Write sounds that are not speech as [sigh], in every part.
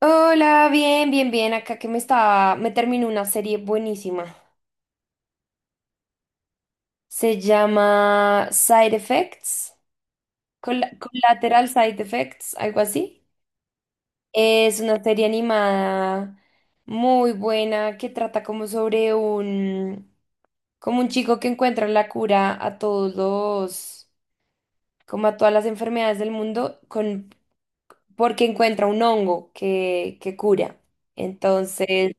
Hola, bien, bien, bien. Acá que me terminó una serie buenísima. Se llama Side Effects, Collateral Side Effects, algo así. Es una serie animada muy buena que trata como sobre como un chico que encuentra la cura a como a todas las enfermedades del mundo, porque encuentra un hongo que cura. Entonces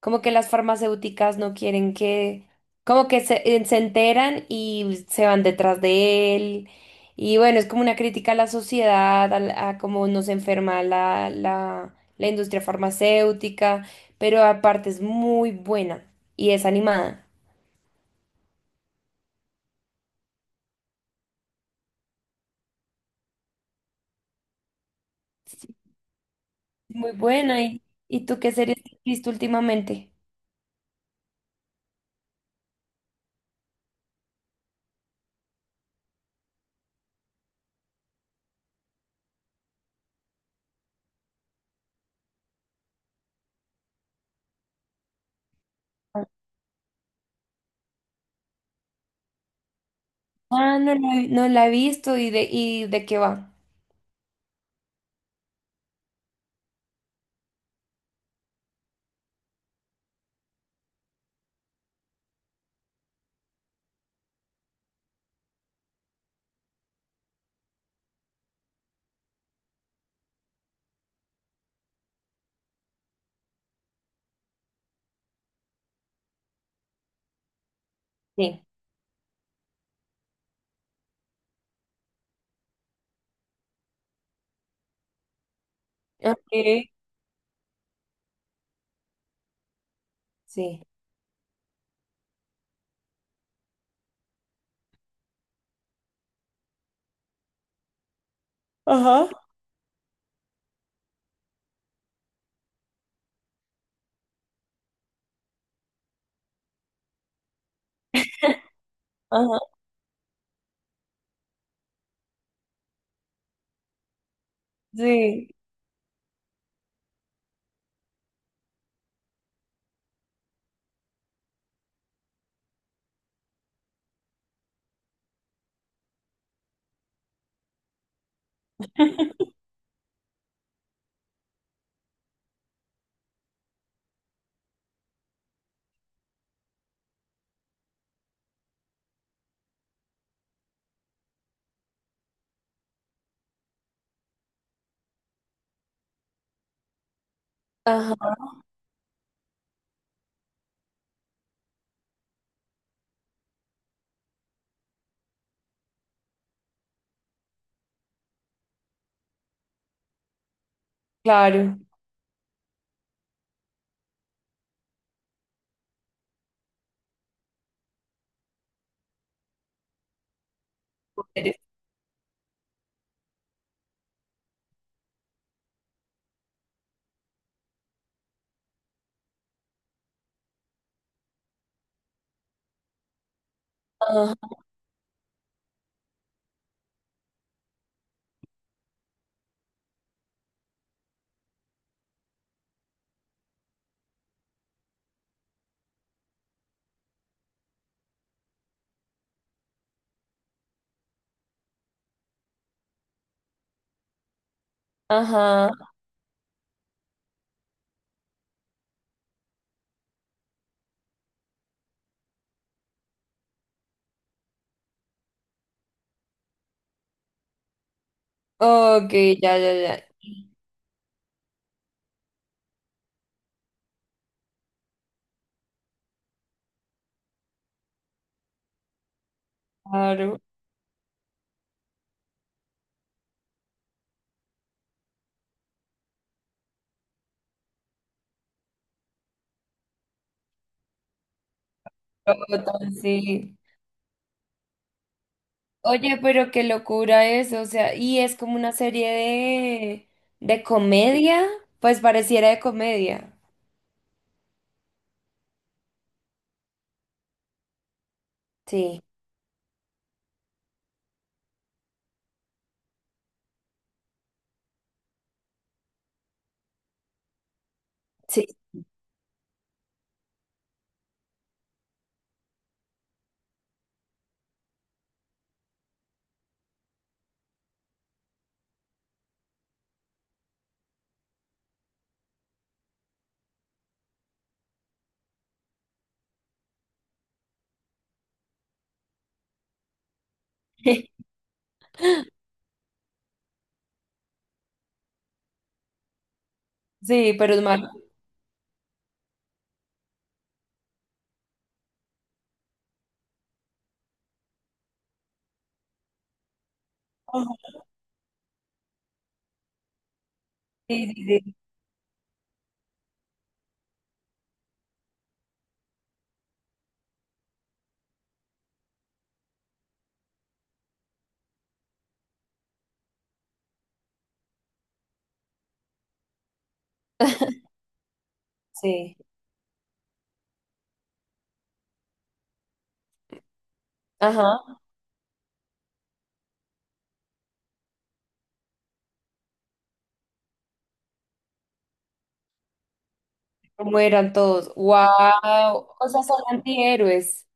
como que las farmacéuticas no quieren como que se enteran y se van detrás de él. Y bueno, es como una crítica a la sociedad, a cómo nos enferma la la industria farmacéutica, pero aparte es muy buena y es animada. Sí. Muy buena. ¿ y tú qué series has visto últimamente? Ah, no la he visto y de qué va. Sí. Ok. Sí. Ajá. Ajá. Sí. Ajá. Claro. Eres-. Ajá, ajá. Ok, ya, ya, ya. Claro. Robots, sí. Oye, pero qué locura eso, o sea, y es como una serie de comedia, pues pareciera de comedia. Sí, sí. [laughs] Sí, pero es malo. Sí, sí, sí. Sí. Ajá. ¿Cómo todos? ¡Wow! O sea, son antihéroes.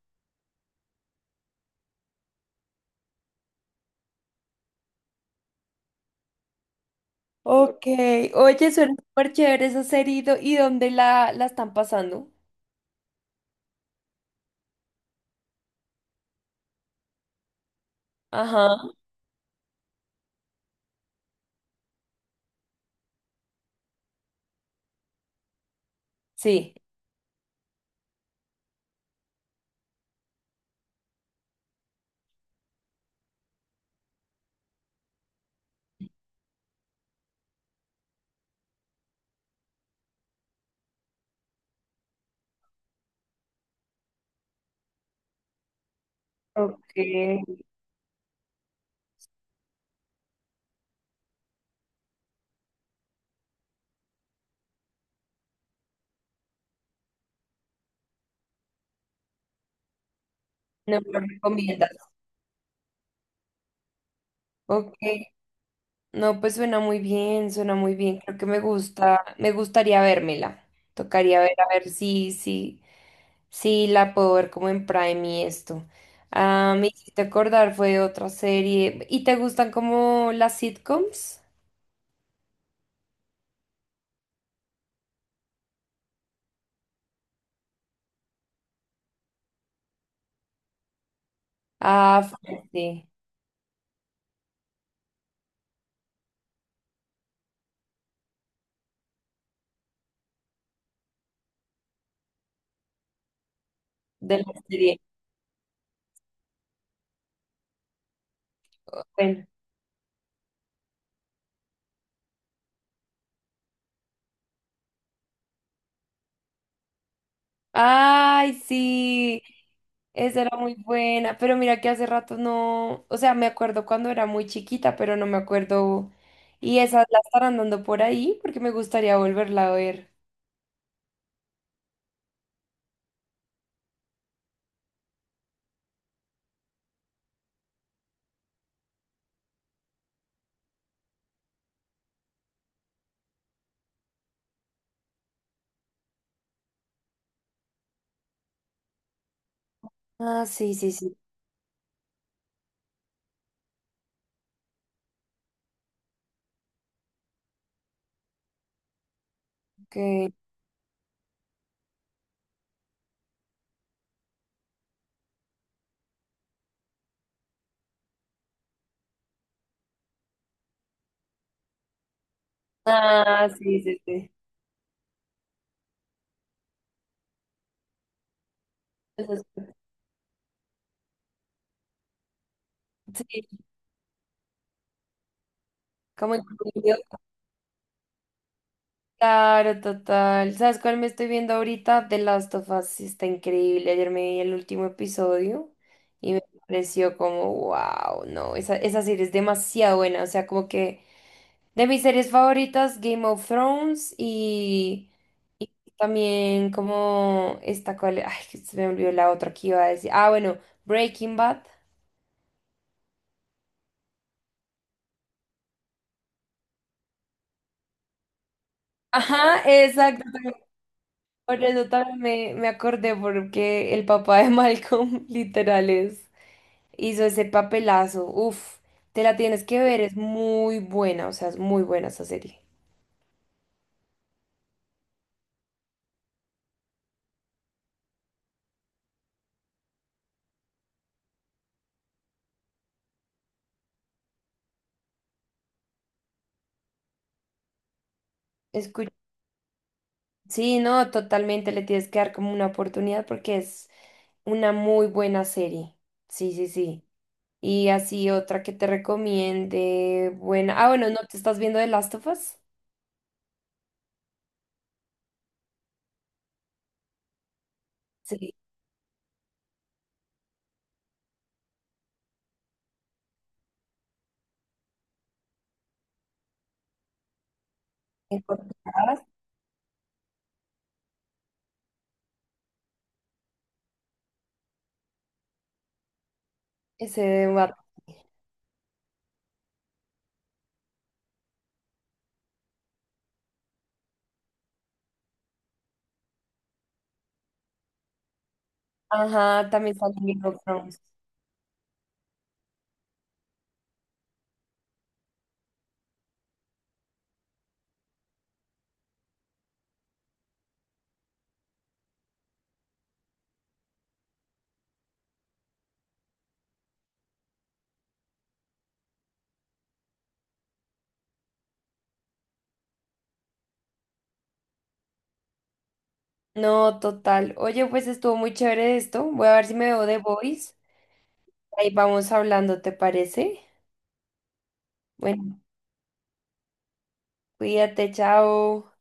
Ok. Oye, suena súper chévere esa serie. ¿ y dónde la están pasando? Ajá, sí. Ok, no me lo recomiendas. Ok. No, pues suena muy bien, suena muy bien. Creo que me gusta, me gustaría vérmela. Tocaría ver a ver si si la puedo ver como en Prime y esto. Ah, me hiciste acordar, fue otra serie. ¿Y te gustan como las sitcoms? Ah, fuerte, de la serie. Bueno. Ay, sí, esa era muy buena, pero mira que hace rato no, o sea, me acuerdo cuando era muy chiquita, pero no me acuerdo. Y esas la estarán dando por ahí porque me gustaría volverla a ver. Ah, sí, sí, sí. Ok. Ah, sí, sí, sí. Eso es-. Sí, como incluido. Claro, total. ¿Sabes cuál me estoy viendo ahorita? The Last of Us. Sí, está increíble. Ayer me vi el último episodio y me pareció como, wow, no, esa serie es demasiado buena. O sea, como que de mis series favoritas, Game of Thrones y también como esta cual, ay, que se me olvidó la otra que iba a decir. Ah, bueno, Breaking Bad. Ajá, exacto. Por eso también me acordé porque el papá de Malcolm [laughs] literal es. Hizo ese papelazo. Uff, te la tienes que ver, es muy buena, o sea, es muy buena esa serie. Escu-, sí, no, totalmente le tienes que dar como una oportunidad porque es una muy buena serie. Sí, sí, sí. Y así otra que te recomiende, buena. Ah, bueno, ¿no te estás viendo The Last of Us? Sí, en cortadas, ese de What-. Ajá, también sale Game of Thrones. No, total. Oye, pues estuvo muy chévere esto. Voy a ver si me veo The Voice. Ahí vamos hablando, ¿te parece? Bueno, cuídate, chao.